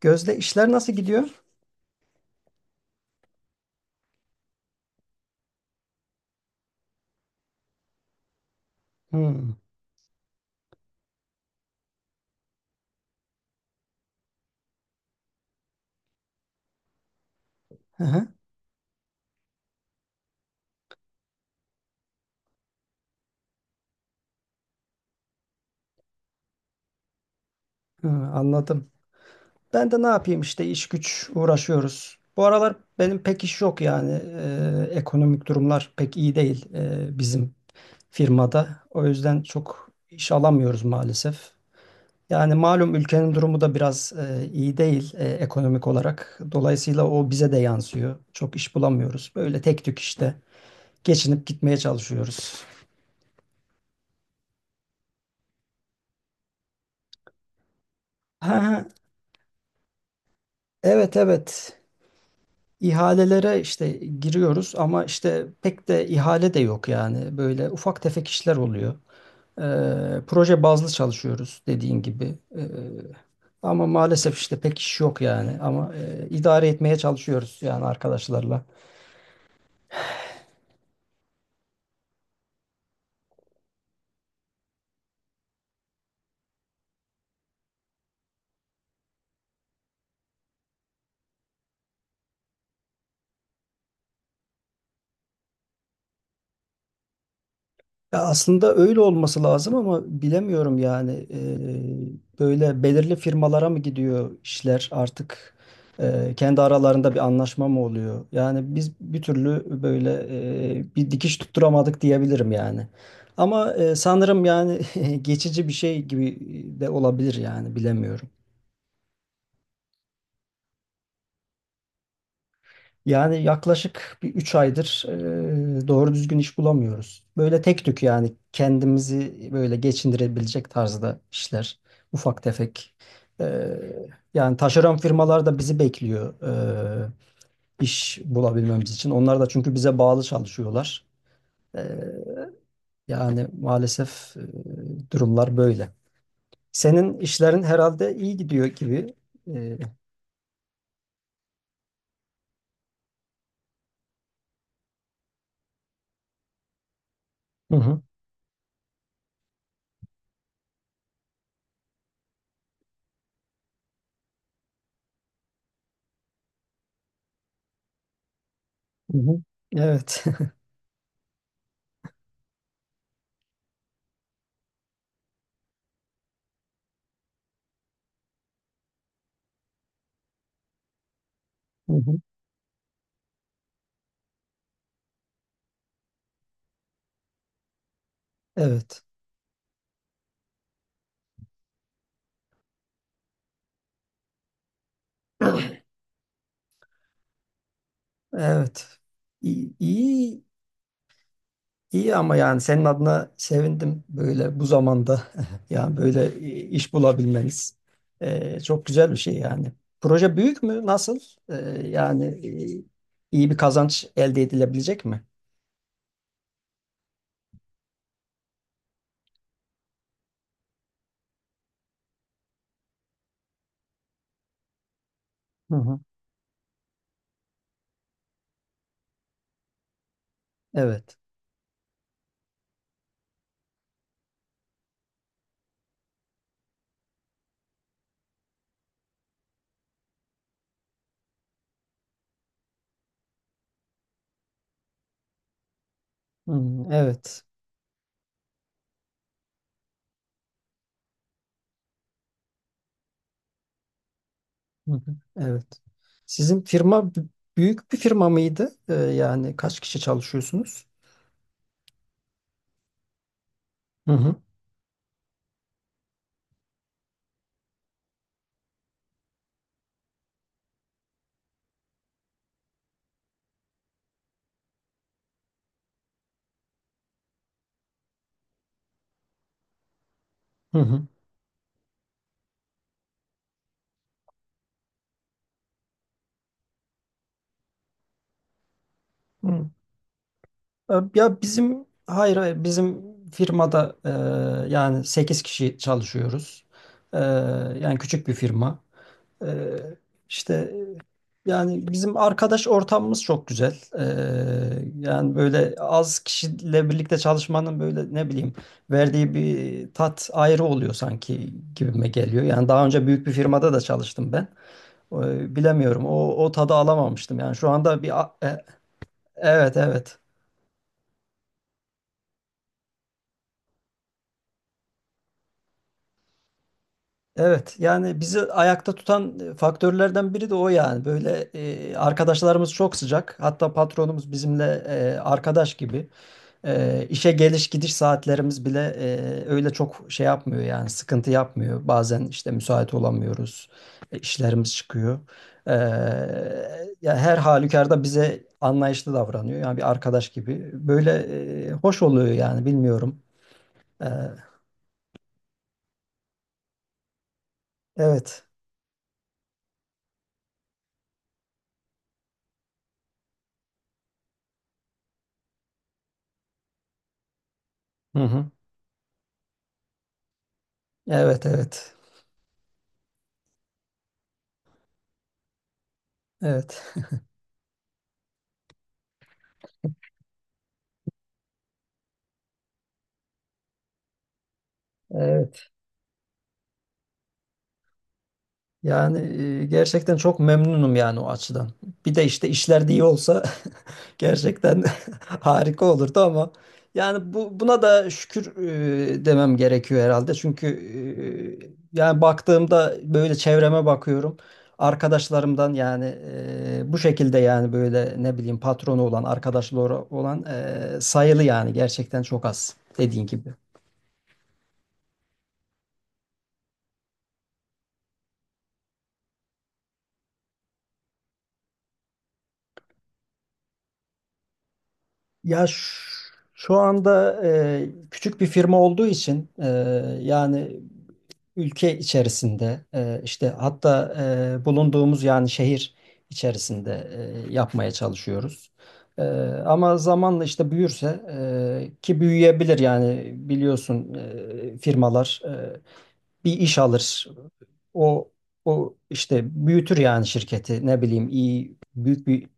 Gözde işler nasıl gidiyor? Hmm. Hı hı. Hı, anladım. Ben de ne yapayım işte iş güç uğraşıyoruz. Bu aralar benim pek iş yok yani. Ekonomik durumlar pek iyi değil bizim firmada. O yüzden çok iş alamıyoruz maalesef. Yani malum ülkenin durumu da biraz iyi değil ekonomik olarak. Dolayısıyla o bize de yansıyor. Çok iş bulamıyoruz. Böyle tek tük işte geçinip gitmeye çalışıyoruz. Ha, ha, evet evet. İhalelere işte giriyoruz ama işte pek de ihale de yok yani. Böyle ufak tefek işler oluyor. Proje bazlı çalışıyoruz dediğin gibi. Ama maalesef işte pek iş yok yani. Ama idare etmeye çalışıyoruz yani arkadaşlarla. Ya aslında öyle olması lazım ama bilemiyorum yani. Böyle belirli firmalara mı gidiyor işler artık? Kendi aralarında bir anlaşma mı oluyor? Yani biz bir türlü böyle bir dikiş tutturamadık diyebilirim yani. Ama sanırım yani geçici bir şey gibi de olabilir yani bilemiyorum. Yani yaklaşık bir 3 aydır doğru düzgün iş bulamıyoruz. Böyle tek tük yani kendimizi böyle geçindirebilecek tarzda işler. Ufak tefek. E, Yani taşeron firmalar da bizi bekliyor e, iş bulabilmemiz için. Onlar da çünkü bize bağlı çalışıyorlar. E, Yani maalesef durumlar böyle. Senin işlerin herhalde iyi gidiyor gibi. E, Hı hı. Hı hı. Evet. Hı hı. Evet. Evet. İyi, iyi, iyi ama yani senin adına sevindim böyle bu zamanda yani böyle iş bulabilmeniz. Çok güzel bir şey yani. Proje büyük mü? Nasıl? Ee, Yani iyi bir kazanç elde edilebilecek mi? Hı hı. Evet. Hı. Evet. Hı hı. Evet. Sizin firma büyük bir firma mıydı? Yani kaç kişi çalışıyorsunuz? Hı hı. Hı hı. Ya bizim hayır hayır bizim firmada yani 8 kişi çalışıyoruz. E, Yani küçük bir firma. E, işte yani bizim arkadaş ortamımız çok güzel. Yani böyle az kişiyle birlikte çalışmanın böyle ne bileyim verdiği bir tat ayrı oluyor sanki gibime geliyor. Yani daha önce büyük bir firmada da çalıştım ben. Bilemiyorum o tadı alamamıştım. Yani şu anda bir evet evet. Evet yani bizi ayakta tutan faktörlerden biri de o yani. Böyle arkadaşlarımız çok sıcak. Hatta patronumuz bizimle arkadaş gibi. İşe geliş gidiş saatlerimiz bile öyle çok şey yapmıyor yani sıkıntı yapmıyor. Bazen işte müsait olamıyoruz. İşlerimiz çıkıyor. E, Ya her halükarda bize anlayışlı davranıyor. Yani bir arkadaş gibi. Böyle hoş oluyor yani bilmiyorum. E, evet. Hı hı. Evet evet. Evet. Ee, Yani gerçekten çok memnunum yani o açıdan. Bir de işte işler de iyi olsa gerçekten harika olurdu ama yani bu buna da şükür demem gerekiyor herhalde. Çünkü yani baktığımda böyle çevreme bakıyorum. Arkadaşlarımdan yani bu şekilde yani böyle ne bileyim patronu olan, arkadaşları olan sayılı yani gerçekten çok az dediğin gibi. Ya şu anda küçük bir firma olduğu için yani ülke içerisinde işte hatta bulunduğumuz yani şehir içerisinde yapmaya çalışıyoruz. E, Ama zamanla işte büyürse ki büyüyebilir yani biliyorsun firmalar bir iş alır. O o işte büyütür yani şirketi ne bileyim iyi büyük bir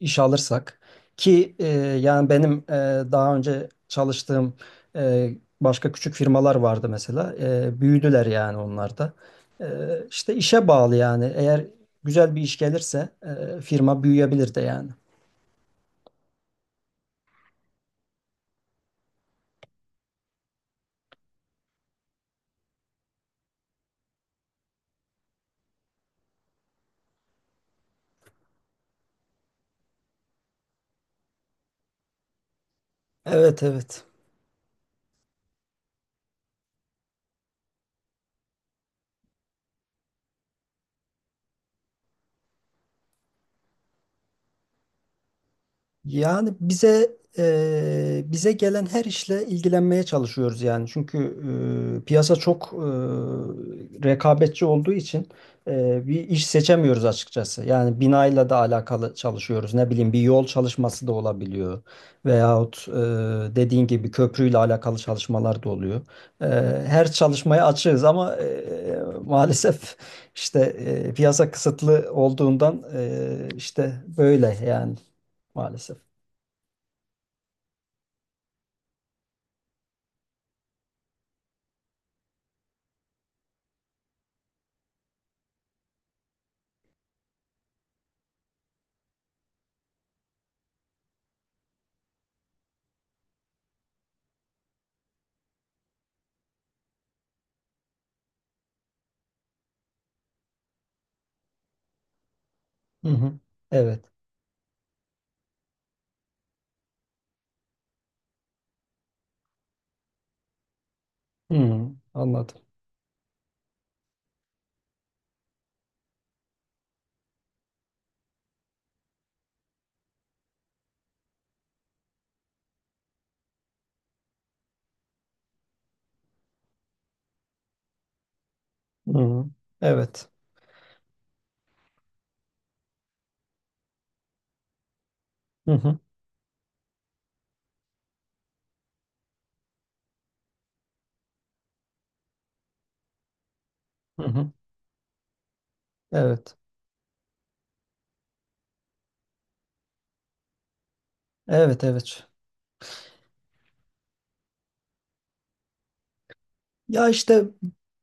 iş alırsak ki yani benim daha önce çalıştığım e, başka küçük firmalar vardı mesela. Büyüdüler yani onlar da e, işte işe bağlı yani eğer güzel bir iş gelirse firma büyüyebilir de yani. Evet evet. Yani bize gelen her işle ilgilenmeye çalışıyoruz yani. Çünkü piyasa çok rekabetçi olduğu için bir iş seçemiyoruz açıkçası. Yani binayla da alakalı çalışıyoruz. Ne bileyim bir yol çalışması da olabiliyor. Veyahut dediğin gibi köprüyle alakalı çalışmalar da oluyor. Her çalışmaya açığız ama maalesef işte piyasa kısıtlı olduğundan işte böyle yani maalesef. Hı hı. Evet. Hı hı. Anladım. Hı hı. Evet. Hı hı. Hı hı. Evet. Evet evet. Ya işte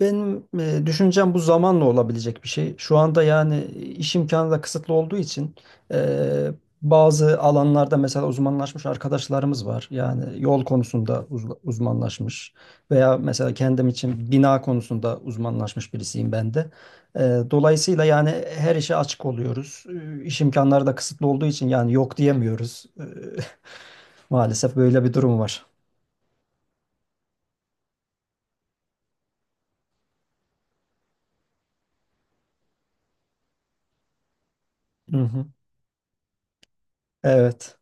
benim düşüncem bu zamanla olabilecek bir şey. Şu anda yani iş imkanı da kısıtlı olduğu için e, bazı alanlarda mesela uzmanlaşmış arkadaşlarımız var. Yani yol konusunda uzmanlaşmış veya mesela kendim için bina konusunda uzmanlaşmış birisiyim ben de. E, Dolayısıyla yani her işe açık oluyoruz. İş imkanları da kısıtlı olduğu için yani yok diyemiyoruz. Maalesef böyle bir durum var. Hı hı. Evet,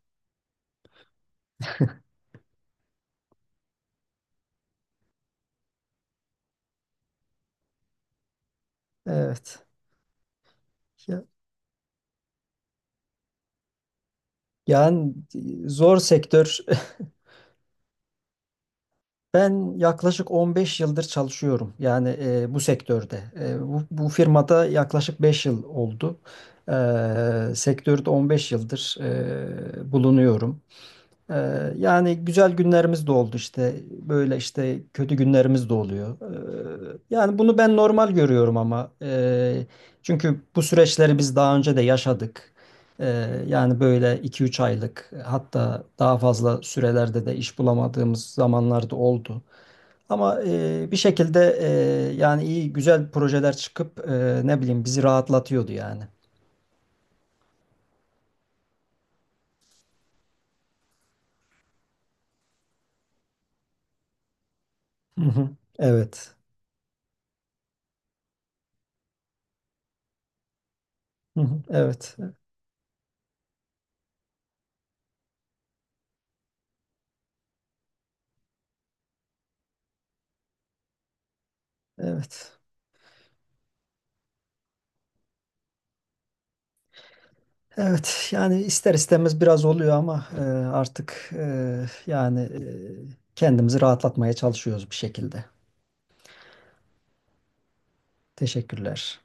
evet. Ya- Yani zor sektör. Ben yaklaşık 15 yıldır çalışıyorum. Yani bu sektörde. Bu firmada yaklaşık 5 yıl oldu. E, Sektörde 15 yıldır bulunuyorum. Yani güzel günlerimiz de oldu işte. Böyle işte kötü günlerimiz de oluyor. Yani bunu ben normal görüyorum ama çünkü bu süreçleri biz daha önce de yaşadık. Ee, Yani böyle iki üç aylık hatta daha fazla sürelerde de iş bulamadığımız zamanlarda oldu. Ama bir şekilde yani iyi güzel projeler çıkıp ne bileyim bizi rahatlatıyordu yani. Hı hı. Evet. Hı hı. Evet. Evet. Evet yani ister istemez biraz oluyor ama artık yani kendimizi rahatlatmaya çalışıyoruz bir şekilde. Teşekkürler.